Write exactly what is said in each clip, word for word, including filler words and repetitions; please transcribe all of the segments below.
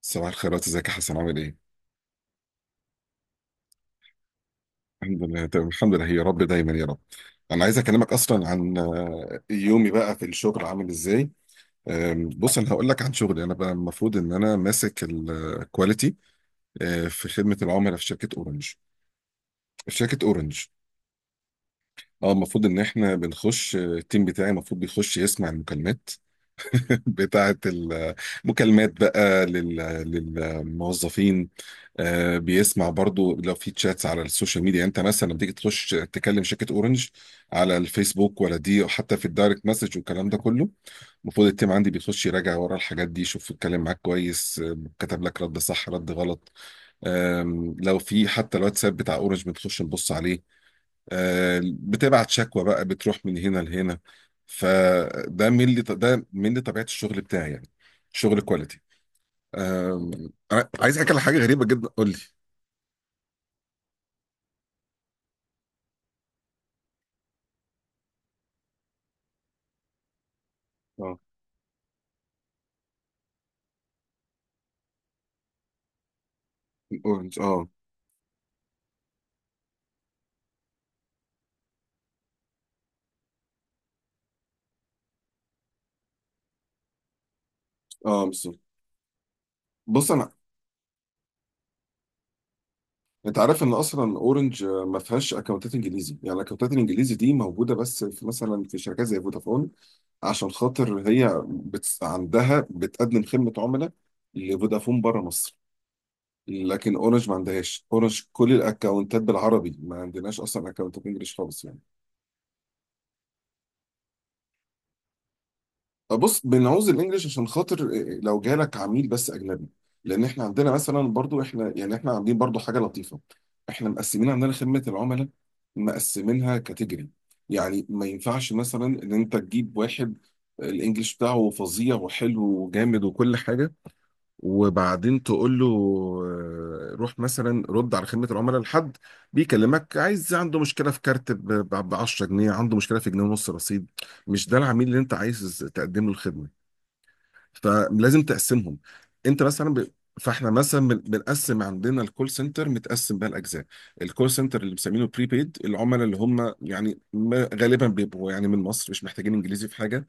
صباح الخيرات، ازيك يا حسن؟ عامل ايه؟ الحمد لله تمام، الحمد لله يا رب دايما يا رب. انا عايز اكلمك اصلا عن آه، يومي بقى في الشغل عامل ازاي. آم، بص، انا هقول لك عن شغلي، انا بقى المفروض ان انا ماسك الكواليتي في خدمه العملاء في شركه اورنج. في شركه اورنج. اه، المفروض ان احنا بنخش، آه، التيم بتاعي المفروض بيخش يسمع المكالمات بتاعة المكالمات بقى لل- للموظفين. آه، بيسمع برضو لو في تشاتس على السوشيال ميديا. انت مثلا لما تيجي تخش تكلم شركة اورنج على الفيسبوك ولا دي او حتى في الدايركت مسج والكلام ده كله، المفروض التيم عندي بيخش يراجع ورا الحاجات دي، يشوف اتكلم معاك كويس، آه، كتب لك رد صح رد غلط. آم، لو في حتى الواتساب بتاع اورنج بنخش نبص عليه. آه، بتبعت شكوى بقى، بتروح من هنا لهنا. فده من اللي ده من اللي طبيعة الشغل بتاعي يعني، شغل كواليتي. أم، أنا عايز احكي على حاجه غريبه جدا. قول لي. اه، اورنج، اه. اه، بالظبط. بص انا. انت عارف ان اصلا اورنج آه، ما فيهاش اكونتات انجليزي. يعني الاكونتات الانجليزي دي موجوده بس في مثلا، في شركات زي فودافون، عشان خاطر هي بت... عندها بتقدم خدمه عملاء لفودافون بره مصر. لكن اورنج ما عندهاش. اورنج كل الاكونتات بالعربي، ما عندناش اصلا اكونتات انجلش خالص يعني. بص، بنعوز الانجليش عشان خاطر إيه، لو جالك عميل بس اجنبي. لان احنا عندنا مثلا برضو، احنا يعني احنا عاملين برضو حاجه لطيفه. احنا مقسمين عندنا خدمه العملاء، مقسمينها كاتيجوري. يعني ما ينفعش مثلا ان انت تجيب واحد آه، الانجليش بتاعه فظيع وحلو وجامد وكل حاجه، وبعدين تقول له آه، روح مثلا رد على خدمة العملاء لحد بيكلمك عايز، عنده مشكلة في كارت ب عشرة جنيه، عنده مشكلة في جنيه ونص رصيد. مش ده العميل اللي انت عايز تقدم له الخدمة. فلازم تقسمهم. انت مثلا ب... فاحنا مثلا بن- بنقسم عندنا الكول سنتر، متقسم بقى الاجزاء. الكول سنتر اللي بنسميه بري بيد العملاء، اللي هم يعني ما- غالبا بيبقوا يعني من مصر، مش محتاجين انجليزي في حاجه،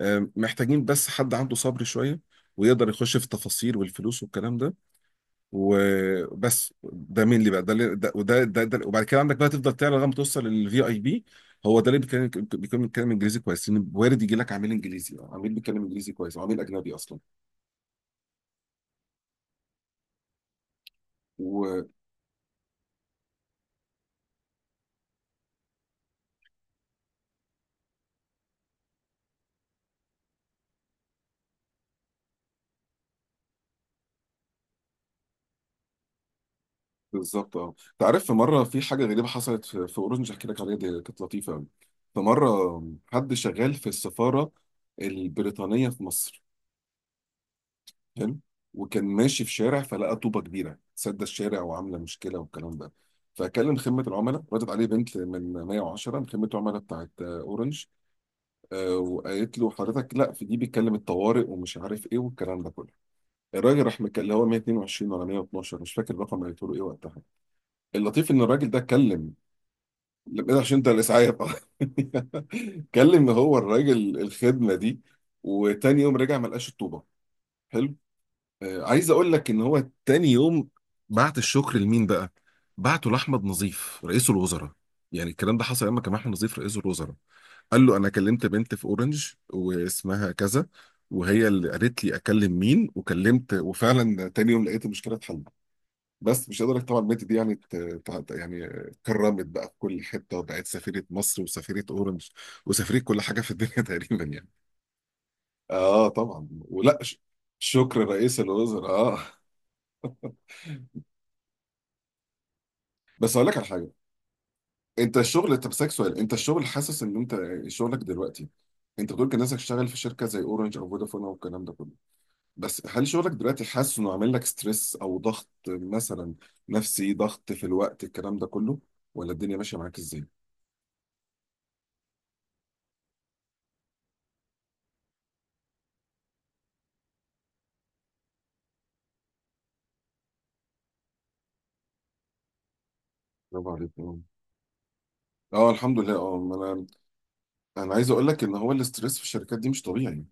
آه، محتاجين بس حد عنده صبر شويه ويقدر يخش في التفاصيل والفلوس والكلام ده. وبس ده مين اللي بقى ده، اللي- ده وده ده، ده. وبعد كده عندك بقى تفضل تعلى لغايه ما توصل للفي اي بي. هو ده اللي بيتكلم، بيكون بيتكلم انجليزي كويس، لان وارد يجي لك عميل انجليزي أو عميل بيتكلم انجليزي كويس أو عميل اجنبي اصلا. وبالظبط اه. انت عارف في مره في حاجه غريبه حصلت في في اوروج، مش هحكي لك عليها، دي كانت لطيفه قوي. في مره حد شغال في السفاره البريطانيه في مصر. حلو. وكان ماشي في شارع، فلقى طوبه كبيره سد الشارع وعامله مشكله والكلام ده. فكلم خدمه العملاء، ردت عليه بنت من مية وعشرة، من خدمه العملاء بتاعت آه، اورنج. آه، وقالت له حضرتك لا، في دي بيتكلم الطوارئ ومش عارف ايه والكلام ده كله. الراجل راح مكلم اللي هو واحد اتنين اتنين ولا مية اتناشر، مش فاكر الرقم اللي قلت له ايه وقتها. اللطيف ان الراجل ده كلم. لا، إيه، عشان ده الاسعاف. كلم هو الراجل الخدمه دي، وتاني يوم رجع ما لقاش الطوبه. حلو. آه، عايز اقول لك ان هو تاني يوم بعت الشكر لمين بقى؟ بعته لاحمد نظيف رئيس الوزراء. يعني الكلام ده حصل لما كان احمد نظيف رئيس الوزراء. قال له انا كلمت بنت في اورنج واسمها كذا، وهي اللي قالت لي اكلم مين، وكلمت، وفعلا تاني يوم لقيت المشكله اتحلت. بس مش قادر طبعا. البنت دي يعني ت- ت- يعني كرمت بقى في كل حته، وبقت سفيره مصر وسفيره اورنج وسفيره كل حاجه في الدنيا تقريبا يعني. اه طبعا، ولا ش- شكر رئيس الوزراء اه. بس اقول لك على حاجه. انت الشغل، طب اسالك سؤال، انت الشغل حاسس ان انت شغلك دلوقتي، انت بتقول كان نفسك تشتغل في شركه زي اورنج او فودافون او الكلام ده كله، بس هل شغلك دلوقتي حاسس انه عامل لك ستريس او ضغط مثلا، نفسي ضغط في الوقت الكلام ده كله، ولا الدنيا ماشيه معاك ازاي؟ برافو عليك، اه. آه، الحمد لله اه. ما انا انا عايز اقول لك ان هو الاستريس في الشركات دي مش طبيعي.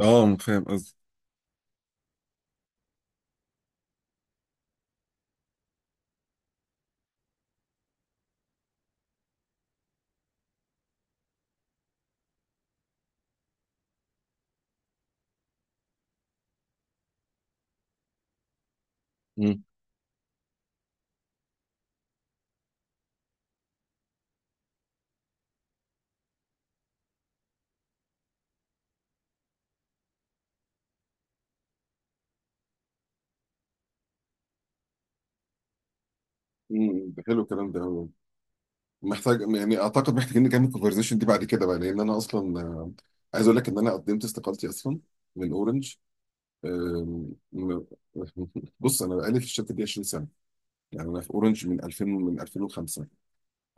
اه، فاهم قصدي. مم. امم، حلو الكلام ده. محتاج يعني، اعتقد محتاجين نكمل الكونفرزيشن دي بعد كده بقى، لان انا اصلا آه، عايز اقول لك ان انا قدمت استقالتي اصلا من اورنج. آم، م- بص انا بقالي في الشركه دي عشرين سنة سنه، يعني انا في اورنج من ألفين، من الفين وخمسة.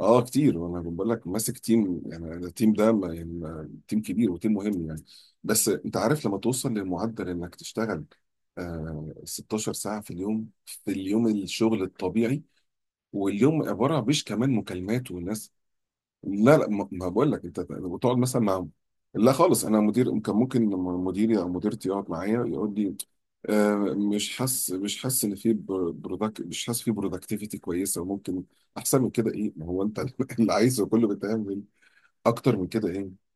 اه كتير. وانا بقول لك ماسك تيم، يعني أنا التيم ده ما- يعني ما- تيم كبير وتيم مهم يعني. بس انت عارف لما توصل للمعدل انك تشتغل آه ستاشر ساعة ساعه في اليوم، في اليوم الشغل الطبيعي، واليوم عباره مش كمان مكالمات والناس. لا لا، ما ما بقول لك، انت بتقعد مثلا مع، لا خالص. انا مدير، كان ممكن لما مديري او مديرتي يقعد معايا يقول لي آه، مش حاسس، مش حاسس ان في برودكت، مش حاسس في برودكتيفيتي كويسه، وممكن احسن من كده ايه، ما هو انت اللي عايزه كله بتعمل اكتر من كده ايه،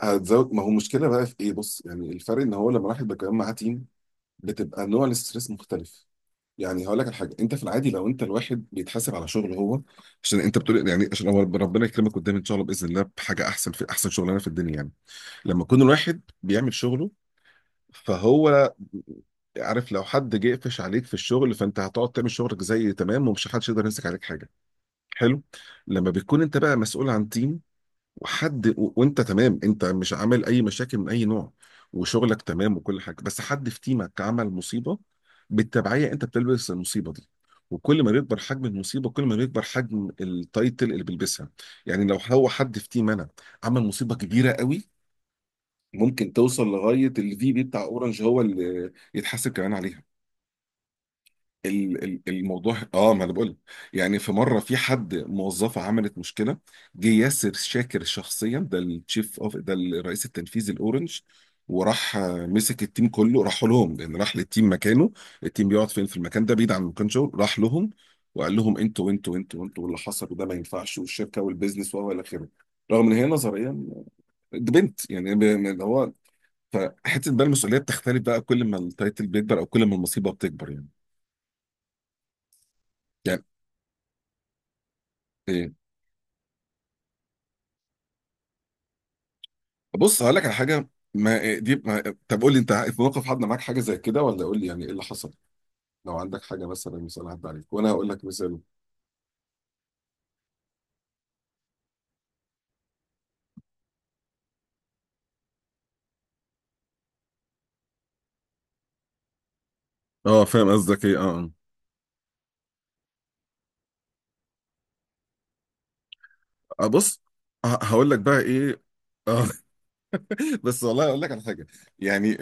هتزود. ما هو المشكله بقى في ايه. بص يعني الفرق ان هو لما الواحد بيتكلم مع تيم، بتبقى نوع الاستريس مختلف. يعني هقول لك على حاجه، انت في العادي لو انت الواحد بيتحاسب على شغله هو، عشان انت بتقول يعني، عشان هو ربنا يكرمك قدام ان شاء الله باذن الله بحاجه احسن في احسن شغلانه في الدنيا يعني، لما يكون الواحد بيعمل شغله، فهو عارف لو حد جه قفش عليك في الشغل، فانت هتقعد تعمل شغلك زي تمام، ومش حدش يقدر يمسك عليك حاجه. حلو. لما بتكون انت بقى مسؤول عن تيم، وحد و... وانت تمام، انت مش عامل اي مشاكل من اي نوع، وشغلك تمام وكل حاجه، بس حد في تيمك عمل مصيبه، بالتبعيه انت بتلبس المصيبه دي. وكل ما بيكبر حجم المصيبه، كل ما بيكبر حجم التايتل اللي بيلبسها. يعني لو هو حد في تيم انا عمل مصيبه كبيره قوي، ممكن توصل لغايه الفي بي بتاع اورنج، هو اللي يتحاسب كمان عليها. ال- ال- الموضوع اه. ما انا بقول يعني، في مره في حد موظفه عملت مشكله، جه ياسر شاكر شخصيا، ده التشيف اوف، ده الرئيس التنفيذي الاورنج، وراح آه، مسك التيم كله، راح لهم، لان راح للتيم مكانه، التيم بيقعد فين في المكان ده بعيد عن مكان شغل، راح لهم وقال لهم انتوا انتوا انتوا انتوا واللي حصل، وده ما ينفعش، والشركه والبيزنس وهو الى اخره. رغم ان هي نظريا دي بنت، يعني ب- اللي هو، فحته بقى المسؤوليه بتختلف بقى كل ما التايتل بيكبر او كل ما المصيبه بتكبر يعني. يعني إيه؟ بص هقول لك على حاجه. ما دي، ما طب قول لي انت في موقف حد معاك حاجه زي كده، ولا قول لي يعني ايه اللي حصل. لو عندك حاجه مثلا مثال عدى عليك، وانا هقول لك مثال. اه، فاهم قصدك ايه، اه. آه، بص ه- هقول لك بقى ايه. اه. بس والله اقول لك على حاجه. يعني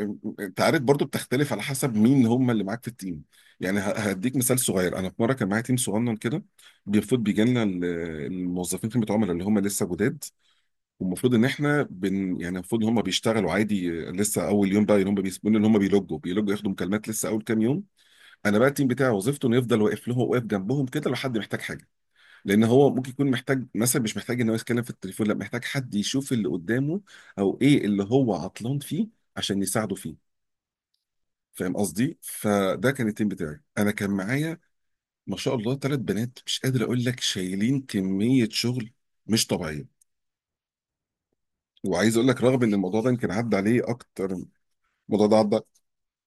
انت عارف برضو بتختلف على حسب مين هم اللي معاك في التيم. يعني ه- هديك مثال صغير. انا في مره كان معايا تيم صغنن كده، بيفوت بيجي لنا ال- الموظفين خدمه عملاء اللي هم لسه جداد، والمفروض ان احنا بن يعني، المفروض هم بيشتغلوا عادي، آه، لسه اول يوم بقى هم بيسيبونا ان هم بيلوجوا بيلوجوا، ياخدوا مكالمات لسه اول كام يوم. انا بقى التيم بتاعي وظيفته انه يفضل واقف له، واقف جنبهم كده لو حد محتاج حاجه، لان هو ممكن يكون محتاج مثلا مش محتاج ان هو يتكلم في التليفون، لا محتاج حد يشوف اللي قدامه او ايه اللي هو عطلان فيه عشان يساعده فيه. فاهم قصدي؟ فده كان التيم بتاعي، انا كان معايا ما شاء الله ثلاث بنات مش قادر اقول لك، شايلين كميه شغل مش طبيعيه. وعايز اقول لك رغم ان الموضوع ده يمكن عدى عليه اكتر، الموضوع ده عدى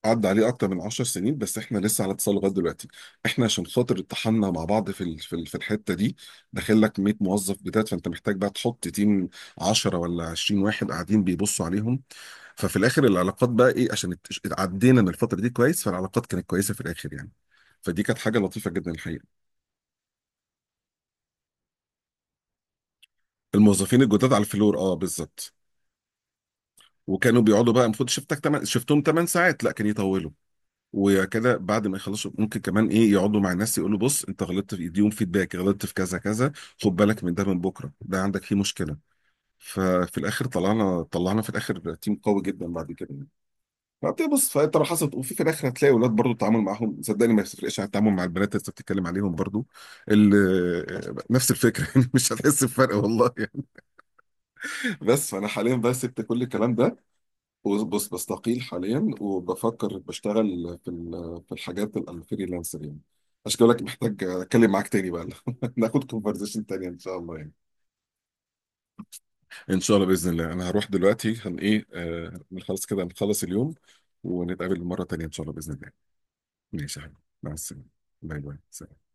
عدى عليه اكتر من 10 سنين، بس احنا لسه على اتصال لغايه دلوقتي. احنا عشان خاطر اتحدنا مع بعض في ال- في ال- في الحته دي، داخل لك 100 موظف بتاعت، فانت محتاج بقى تحط تيم عشرة ولا عشرين واحد قاعدين بيبصوا عليهم. ففي الاخر العلاقات بقى ايه، عشان اتش- عدينا من الفتره دي كويس، فالعلاقات كانت كويسه في الاخر يعني. فدي كانت حاجه لطيفه جدا الحقيقه. الموظفين الجداد على الفلور، اه بالظبط. وكانوا بيقعدوا بقى المفروض شفتك تمن، شفتهم 8 ساعات لا كان يطولوا. وكده بعد ما يخلصوا ممكن كمان ايه، يقعدوا مع الناس يقولوا بص انت غلطت في، يديهم فيدباك، غلطت في كذا كذا، خد بالك من ده، من بكره ده عندك فيه مشكله. ففي الاخر طلعنا طلعنا في الاخر تيم قوي جدا بعد كده يعني. فبتبص، بص، فانت لو حصلت وفي في الاخر هتلاقي ولاد برضو التعامل معاهم صدقني ما يفرقش عن التعامل مع البنات اللي انت بتتكلم عليهم برضو. ال- نفس الفكره يعني مش هتحس بفرق والله يعني. بس فانا حاليا بقى سبت كل الكلام ده. بص بص، بستقيل حاليا، وبفكر بشتغل في ال- في الحاجات ال- الفريلانسر يعني. عشان كده بقول لك محتاج اتكلم معاك تاني بقى ناخد كونفرزيشن تانية ان شاء الله يعني. ان شاء الله باذن الله، انا هروح دلوقتي، هن ايه آه نخلص كده، نخلص اليوم، ونتقابل مره تانيه ان شاء الله باذن الله. ماشي يا حبيبي، مع السلامه. باي باي، سلام.